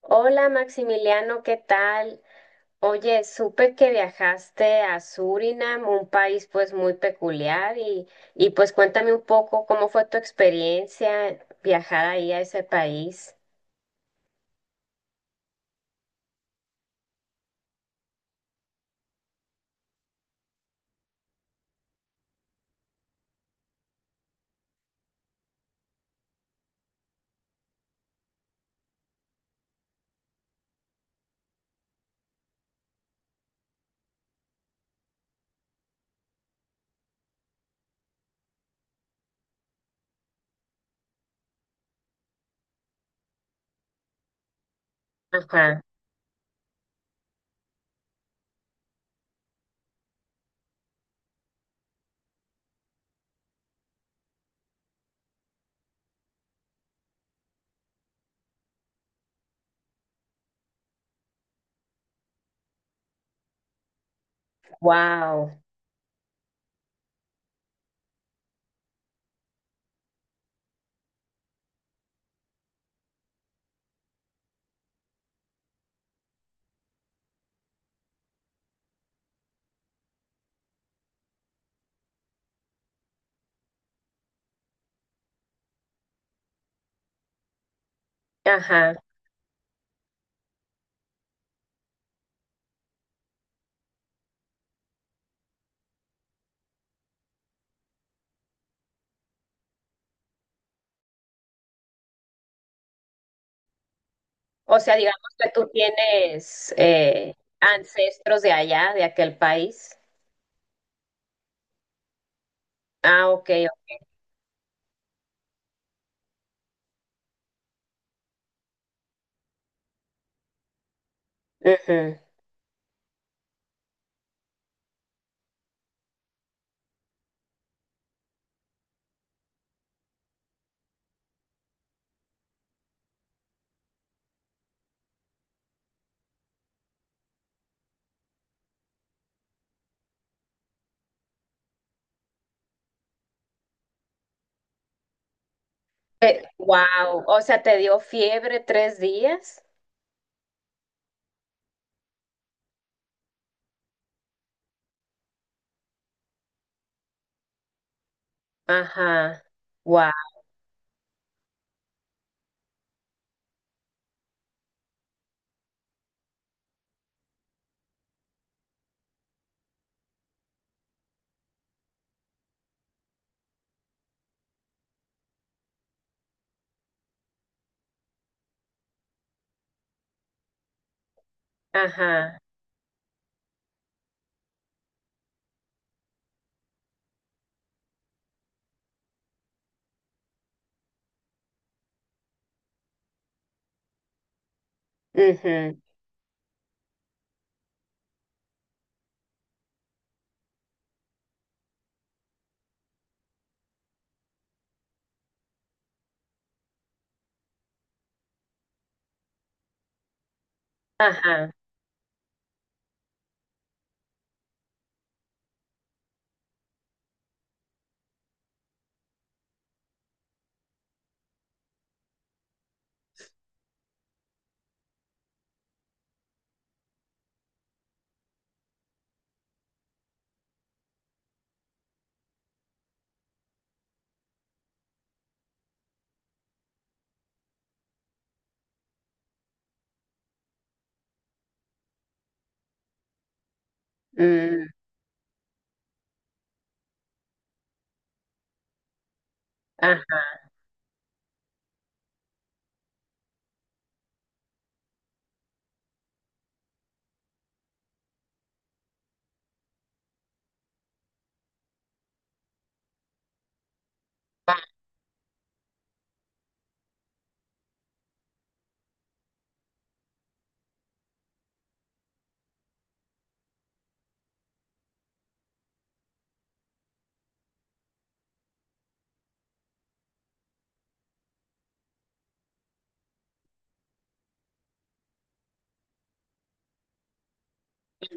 Hola Maximiliano, ¿qué tal? Oye, supe que viajaste a Surinam, un país pues muy peculiar y pues cuéntame un poco cómo fue tu experiencia viajar ahí a ese país. Ajá, wow, ajá. O sea, digamos que tú tienes ancestros de allá, de aquel país. Ah, ok. Ujú. Wow, o sea, ¿te dio fiebre tres días? Ajá, wow, ajá. Ujú. Ajá, mm, ajá,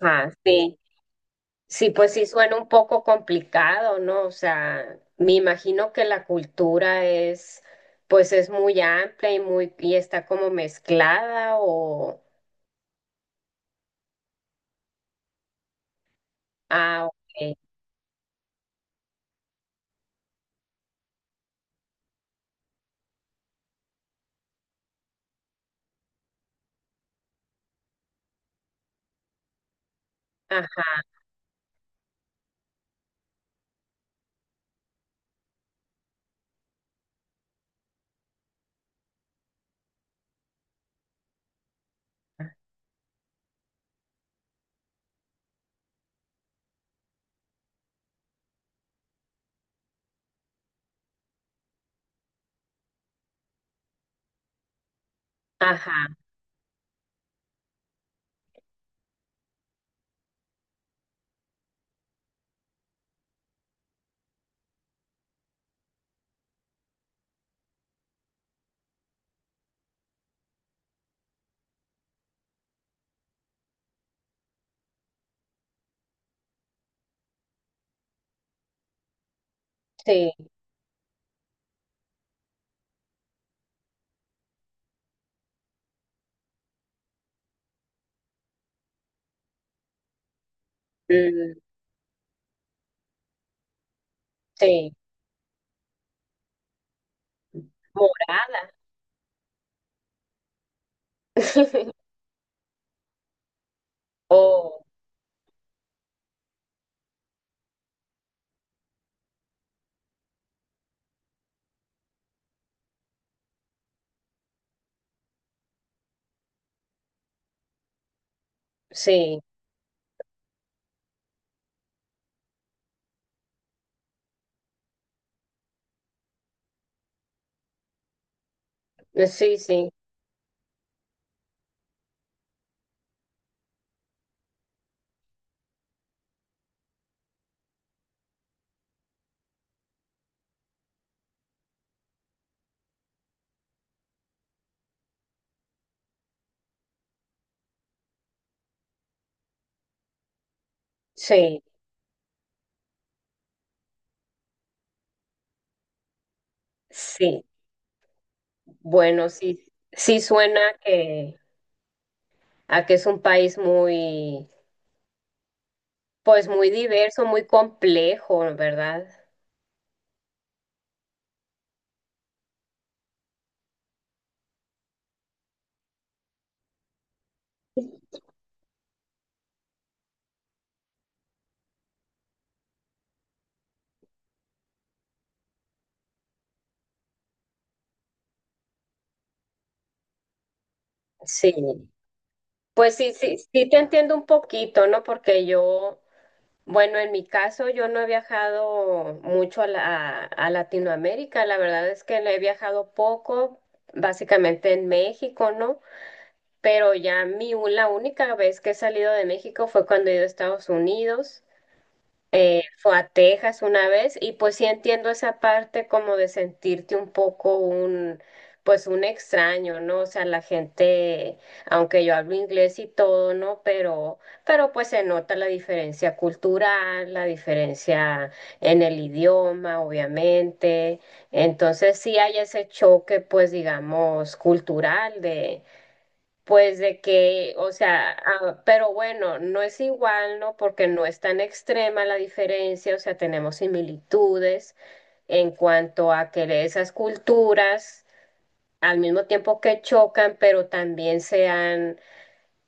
ajá, sí, sí, pues sí suena un poco complicado, ¿no? O sea, me imagino que la cultura, pues es muy amplia y muy, y está como mezclada o, ah, ok, ajá, ajá, sí, mm, sí, morada, oh, sí, sí, sí, sí, sí, bueno, sí, sí suena que, a que es un país muy. Pues muy diverso, muy complejo, ¿verdad? Sí. Pues sí, sí, sí te entiendo un poquito, ¿no? Porque yo, bueno, en mi caso yo no he viajado mucho a, a Latinoamérica, la verdad es que le he viajado poco, básicamente en México, ¿no? Pero ya mi, la única vez que he salido de México fue cuando he ido a Estados Unidos. Fue a Texas una vez y pues sí entiendo esa parte como de sentirte un poco un, pues un extraño, ¿no? O sea, la gente, aunque yo hablo inglés y todo, ¿no? Pero pues se nota la diferencia cultural, la diferencia en el idioma, obviamente. Entonces sí hay ese choque, pues digamos, cultural de pues de que, o sea, ah, pero bueno, no es igual, ¿no? Porque no es tan extrema la diferencia, o sea, tenemos similitudes en cuanto a que esas culturas al mismo tiempo que chocan, pero también sean,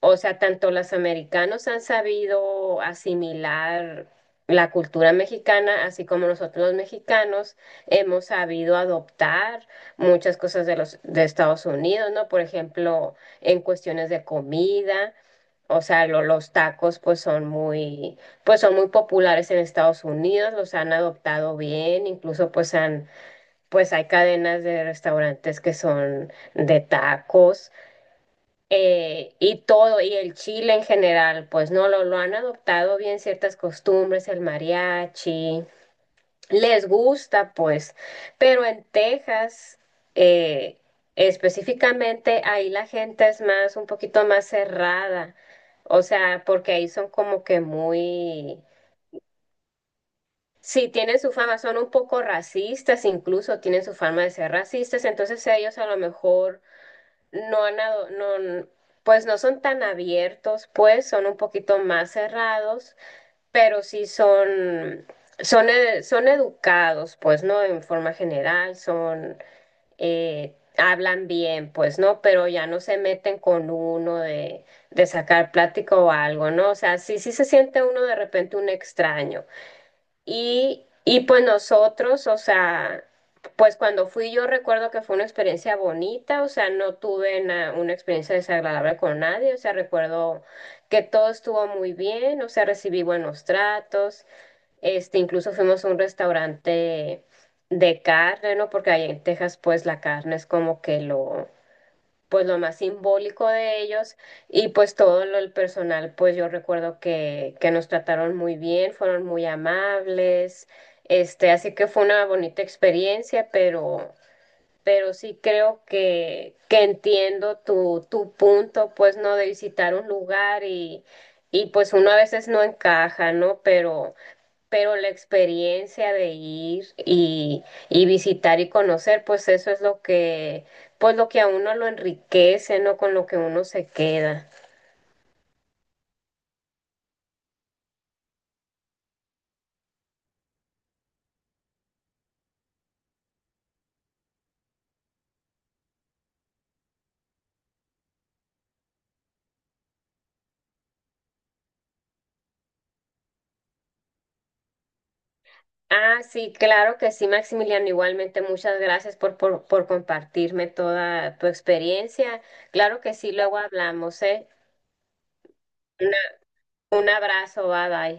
o sea, tanto los americanos han sabido asimilar la cultura mexicana, así como nosotros los mexicanos hemos sabido adoptar muchas cosas de los de Estados Unidos, ¿no? Por ejemplo, en cuestiones de comida, o sea, los tacos pues son muy, pues son muy populares en Estados Unidos, los han adoptado bien, incluso pues han, pues hay cadenas de restaurantes que son de tacos, y todo, y el Chile en general, pues no lo, lo han adoptado bien ciertas costumbres, el mariachi, les gusta, pues, pero en Texas, eh, específicamente, ahí la gente es más, un poquito más cerrada, o sea, porque ahí son como que muy... Sí, tienen su fama, son un poco racistas, incluso tienen su fama de ser racistas, entonces ellos a lo mejor no, pues no son tan abiertos, pues son un poquito más cerrados, pero sí son, son, son educados, pues, ¿no? En forma general, son, hablan bien, pues, ¿no? Pero ya no se meten con uno de sacar plática o algo, ¿no? O sea, sí, sí se siente uno de repente un extraño. Y pues nosotros, o sea, pues cuando fui yo recuerdo que fue una experiencia bonita, o sea, no tuve na- una experiencia desagradable con nadie, o sea, recuerdo que todo estuvo muy bien, o sea, recibí buenos tratos, este, incluso fuimos a un restaurante de carne, ¿no? Porque ahí en Texas, pues la carne es como que lo, pues lo más simbólico de ellos y pues todo lo, el personal, pues yo recuerdo que nos trataron muy bien, fueron muy amables, este, así que fue una bonita experiencia, pero sí creo que entiendo tu, tu punto, pues no, de visitar un lugar y pues uno a veces no encaja, ¿no? Pero la experiencia de ir y visitar y conocer, pues eso es lo que, pues lo que a uno lo enriquece, ¿no? Con lo que uno se queda. Ah, sí, claro que sí, Maximiliano. Igualmente, muchas gracias por compartirme toda tu experiencia. Claro que sí, luego hablamos, ¿eh? Una- un abrazo, bye bye.